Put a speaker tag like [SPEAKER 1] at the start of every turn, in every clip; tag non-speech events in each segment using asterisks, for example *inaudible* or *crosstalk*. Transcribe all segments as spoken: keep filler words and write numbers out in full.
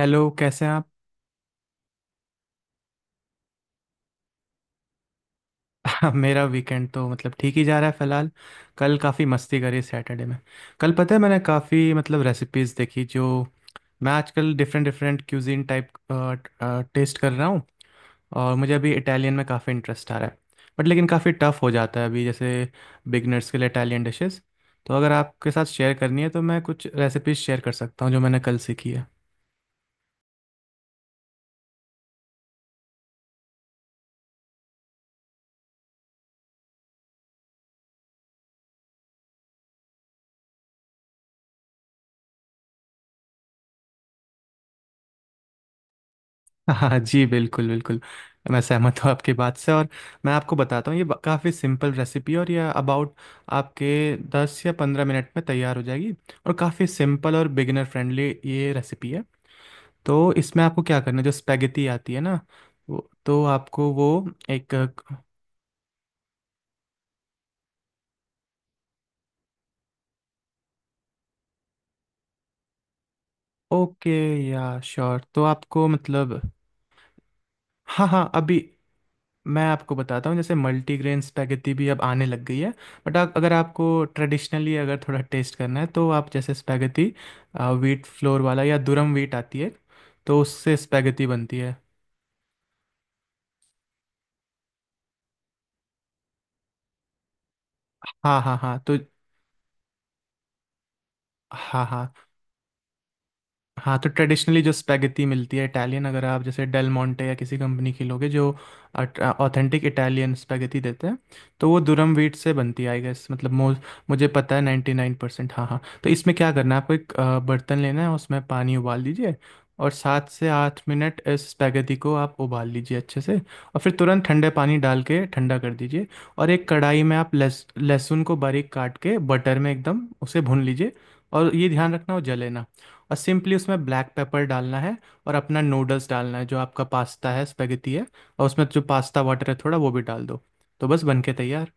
[SPEAKER 1] Hello, कैसे हैं आप? *laughs* मेरा वीकेंड तो मतलब ठीक ही जा रहा है फिलहाल। कल काफ़ी मस्ती करी सैटरडे में। कल पता है मैंने काफ़ी मतलब रेसिपीज़ देखी। जो मैं आजकल different different cuisine type test कर रहा हूँ। और मुझे अभी इटालियन में काफ़ी इंटरेस्ट आ रहा है। बट लेकिन काफ़ी टफ हो जाता है, अभी जैसे बिगनर्स के लिए इटालियन डिशेस। तो अगर आपके साथ शेयर करनी है तो मैं कुछ रेसिपीज़ शेयर कर सकता हूँ जो मैंने कल सीखी है। हाँ जी, बिल्कुल बिल्कुल। मैं सहमत हूँ आपकी बात से। और मैं आपको बताता हूँ, ये काफ़ी सिंपल रेसिपी है। और ये अबाउट आपके दस या पंद्रह मिनट में तैयार हो जाएगी। और काफ़ी सिंपल और बिगिनर फ्रेंडली ये रेसिपी है। तो इसमें आपको क्या करना है, जो स्पेगेटी आती है ना, वो तो आपको वो एक, ओके या श्योर, तो आपको मतलब, हाँ हाँ, अभी मैं आपको बताता हूँ। जैसे मल्टीग्रेन स्पैगेटी भी अब आने लग गई है। बट अगर आपको ट्रेडिशनली अगर थोड़ा टेस्ट करना है, तो आप जैसे स्पैगेटी व्हीट फ्लोर वाला या दुरम व्हीट आती है, तो उससे स्पैगेटी बनती है। हाँ हाँ हाँ, तो हाँ हाँ हाँ, तो ट्रेडिशनली जो स्पेगेटी मिलती है इटालियन, अगर आप जैसे डेल मोंटे या किसी कंपनी की लोगे जो ऑथेंटिक इटालियन स्पेगेटी देते हैं, तो वो दुरम व्हीट से बनती है, आई गेस मतलब मो मुझे पता है नाइंटी नाइन परसेंट। हाँ हाँ, तो इसमें क्या करना है, आपको एक अ, बर्तन लेना है, उसमें पानी उबाल दीजिए। और सात से आठ मिनट इस स्पेगेटी को आप उबाल लीजिए अच्छे से, और फिर तुरंत ठंडे पानी डाल के ठंडा कर दीजिए। और एक कढ़ाई में आप लहस लहसुन को बारीक काट के बटर में एकदम उसे भून लीजिए। और ये ध्यान रखना वो जले ना। और सिंपली उसमें ब्लैक पेपर डालना है। और अपना नूडल्स डालना है, जो आपका पास्ता है, स्पेगेटी है। और उसमें जो पास्ता वाटर है, थोड़ा वो भी डाल दो। तो बस बन के तैयार।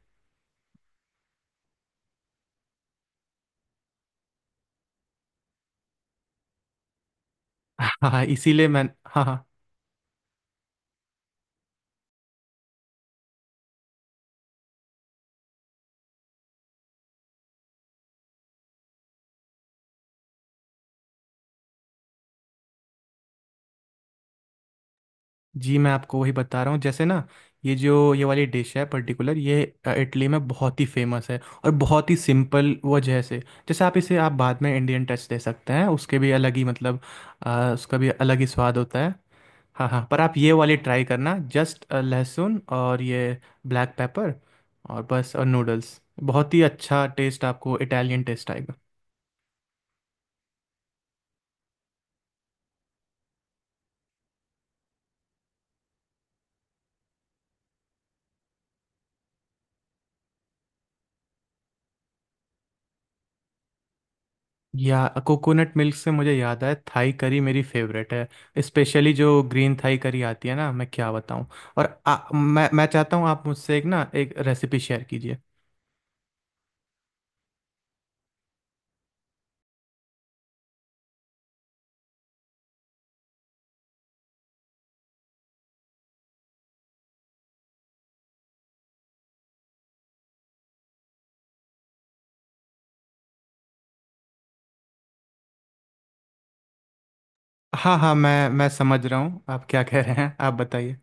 [SPEAKER 1] हाँ हाँ, इसीलिए मैं, हाँ हाँ जी, मैं आपको वही बता रहा हूँ। जैसे ना, ये जो ये वाली डिश है पर्टिकुलर, ये अ, इटली में बहुत ही फेमस है। और बहुत ही सिंपल वजह से। जैसे आप इसे आप बाद में इंडियन टच दे सकते हैं, उसके भी अलग ही मतलब, अ, उसका भी अलग ही स्वाद होता है। हाँ हाँ, पर आप ये वाली ट्राई करना, जस्ट लहसुन और ये ब्लैक पेपर और बस, और नूडल्स। बहुत ही अच्छा टेस्ट, आपको इटालियन टेस्ट आएगा। या कोकोनट मिल्क से मुझे याद आया, थाई करी मेरी फेवरेट है। स्पेशली जो ग्रीन थाई करी आती है ना, मैं क्या बताऊँ। और आ, मैं मैं चाहता हूँ आप मुझसे एक ना एक रेसिपी शेयर कीजिए। हाँ हाँ, मैं मैं समझ रहा हूँ आप क्या कह रहे हैं, आप बताइए।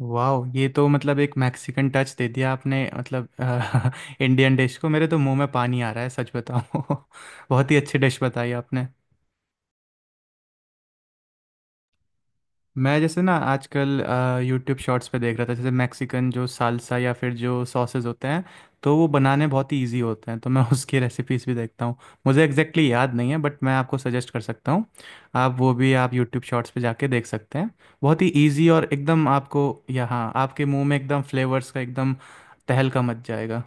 [SPEAKER 1] वाह, ये तो मतलब एक मैक्सिकन टच दे दिया आपने, मतलब इंडियन डिश *laughs* को, मेरे तो मुंह में पानी आ रहा है, सच बताऊँ *laughs* बहुत ही अच्छी डिश बताई आपने। मैं जैसे ना, आजकल यूट्यूब शॉर्ट्स पे देख रहा था। जैसे मैक्सिकन जो सालसा या फिर जो सॉसेज होते हैं, तो वो बनाने बहुत ही ईजी होते हैं। तो मैं *laughs* उसकी रेसिपीज भी देखता हूँ। मुझे एग्जैक्टली exactly याद नहीं है, बट मैं आपको सजेस्ट कर सकता हूँ। आप वो भी आप यूट्यूब शॉर्ट्स पे जाके देख सकते हैं। बहुत ही ईजी, और एकदम आपको यहाँ आपके मुंह में एकदम फ्लेवर्स का एकदम तहलका मच जाएगा।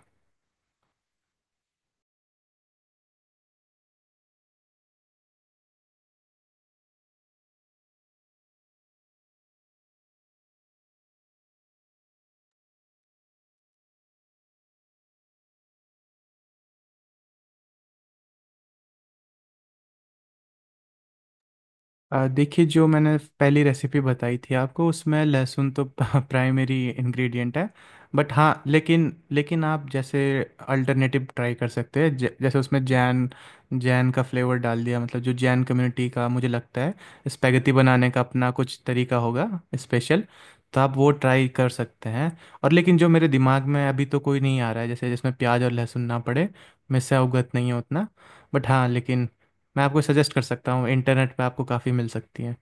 [SPEAKER 1] अ, देखिए, जो मैंने पहली रेसिपी बताई थी आपको, उसमें लहसुन तो *laughs* प्राइमरी इंग्रेडिएंट है। बट हाँ, लेकिन लेकिन आप जैसे अल्टरनेटिव ट्राई कर सकते हैं। ज- जैसे उसमें जैन, जैन का फ्लेवर डाल दिया मतलब, जो जैन कम्युनिटी का मुझे लगता है स्पैगेटी बनाने का अपना कुछ तरीका होगा स्पेशल। तो आप वो ट्राई कर सकते हैं। और लेकिन जो मेरे दिमाग में अभी तो कोई नहीं आ रहा है, जैसे जिसमें प्याज और लहसुन ना पड़े। मैं इससे अवगत नहीं हूँ उतना। बट हाँ लेकिन, मैं आपको सजेस्ट कर सकता हूँ, इंटरनेट पे आपको काफ़ी मिल सकती हैं।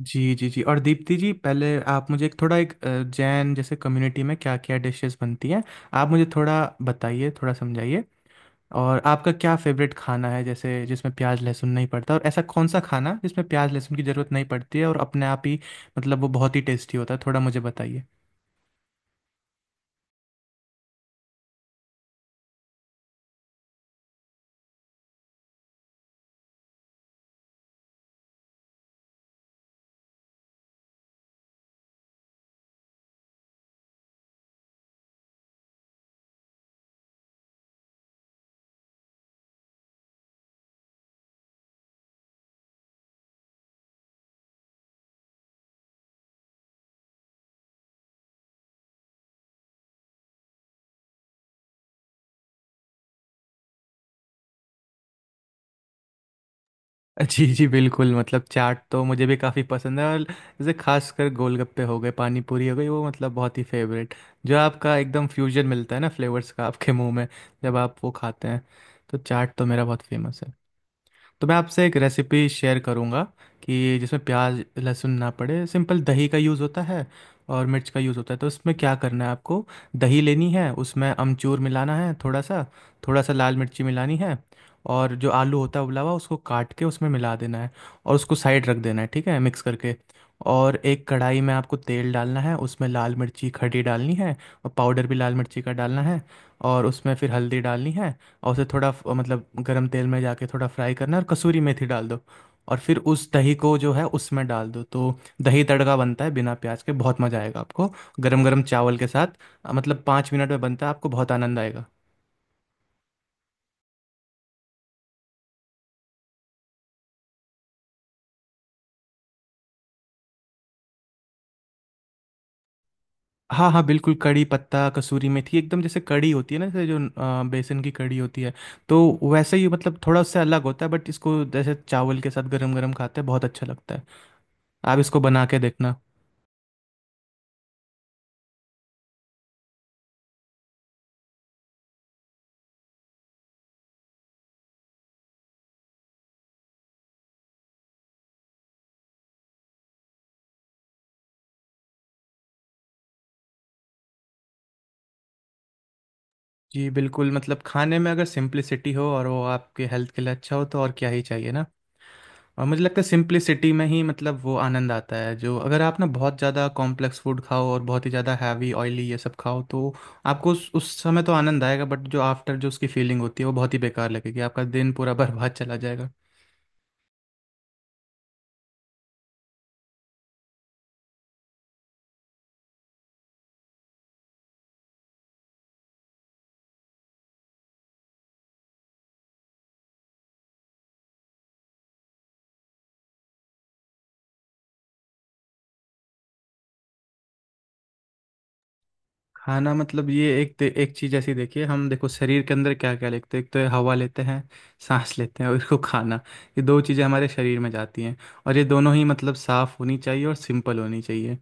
[SPEAKER 1] जी जी जी, और दीप्ति जी, पहले आप मुझे एक थोड़ा एक अ, जैन जैसे कम्युनिटी में क्या क्या डिशेस बनती हैं, आप मुझे थोड़ा बताइए, थोड़ा समझाइए। और आपका क्या फेवरेट खाना है जैसे जिसमें प्याज लहसुन नहीं पड़ता, और ऐसा कौन सा खाना जिसमें प्याज लहसुन की ज़रूरत नहीं पड़ती है और अपने आप ही मतलब वो बहुत ही टेस्टी होता है, थोड़ा मुझे बताइए। *laughs* जी जी बिल्कुल, मतलब चाट तो मुझे भी काफ़ी पसंद है। और जैसे खासकर गोलगप्पे हो गए, पानी पूरी हो गई, वो मतलब बहुत ही फेवरेट। जो आपका एकदम फ्यूजन मिलता है ना फ्लेवर्स का आपके मुंह में, जब आप वो खाते हैं। तो चाट तो मेरा बहुत फेमस है। तो मैं आपसे एक रेसिपी शेयर करूंगा कि जिसमें प्याज लहसुन ना पड़े, सिंपल दही का यूज़ होता है और मिर्च का यूज़ होता है। तो इसमें क्या करना है आपको, दही लेनी है, उसमें अमचूर मिलाना है थोड़ा सा, थोड़ा सा लाल मिर्ची मिलानी है। और जो आलू होता है उबला हुआ, उसको काट के उसमें मिला देना है, और उसको साइड रख देना है, ठीक है, मिक्स करके। और एक कढ़ाई में आपको तेल डालना है, उसमें लाल मिर्ची खड़ी डालनी है, और पाउडर भी लाल मिर्ची का डालना है, और उसमें फिर हल्दी डालनी है। और उसे थोड़ा फ- मतलब गरम तेल में जाके थोड़ा फ्राई करना है, और कसूरी मेथी डाल दो। और फिर उस दही को जो है उसमें डाल दो, तो दही तड़का बनता है, बिना प्याज के, बहुत मज़ा आएगा आपको गरम गरम चावल के साथ। अ, मतलब पाँच मिनट में बनता है, आपको बहुत आनंद आएगा। हाँ हाँ बिल्कुल, कड़ी पत्ता, कसूरी मेथी, एकदम जैसे कड़ी होती है ना, जैसे जो अ, बेसन की कड़ी होती है। तो वैसे ही मतलब, थोड़ा उससे अलग होता है, बट इसको जैसे चावल के साथ गरम गरम खाते हैं, बहुत अच्छा लगता है। आप इसको बना के देखना। जी बिल्कुल, मतलब खाने में अगर सिंप्लिसिटी हो, और वो आपके हेल्थ के लिए अच्छा हो, तो और क्या ही चाहिए ना। और मुझे लगता है सिंप्लिसिटी में ही मतलब वो आनंद आता है, जो अगर आप ना बहुत ज़्यादा कॉम्प्लेक्स फूड खाओ और बहुत ही ज़्यादा हैवी ऑयली ये सब खाओ तो आपको उस, उस समय तो आनंद आएगा, बट जो आफ्टर जो उसकी फीलिंग होती है वो बहुत ही बेकार लगेगी, आपका दिन पूरा *laughs* बर्बाद चला जाएगा। खाना मतलब ये एक ते- एक चीज ऐसी, देखिए हम देखो शरीर के अंदर क्या क्या लेते हैं, एक तो ये हवा लेते हैं, सांस लेते हैं, और इसको खाना, ये दो चीजें हमारे शरीर में जाती हैं। और ये दोनों ही मतलब साफ होनी चाहिए और सिंपल होनी चाहिए।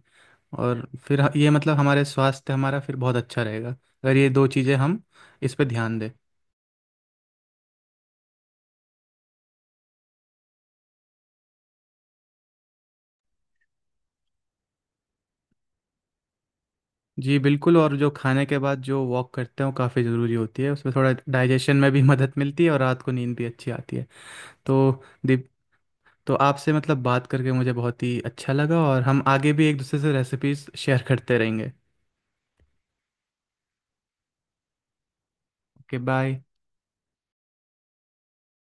[SPEAKER 1] और फिर ह- ये मतलब हमारे स्वास्थ्य, हमारा फिर बहुत अच्छा रहेगा अगर ये दो चीजें हम इस पे ध्यान दें। जी बिल्कुल, और जो खाने के बाद जो वॉक करते हैं वो काफ़ी ज़रूरी होती है, उसमें थोड़ा डाइजेशन में भी मदद मिलती है और रात को नींद भी अच्छी आती है। तो तो आपसे मतलब बात करके मुझे बहुत ही अच्छा लगा, और हम आगे भी एक दूसरे से रेसिपीज शेयर करते रहेंगे। Okay, bye.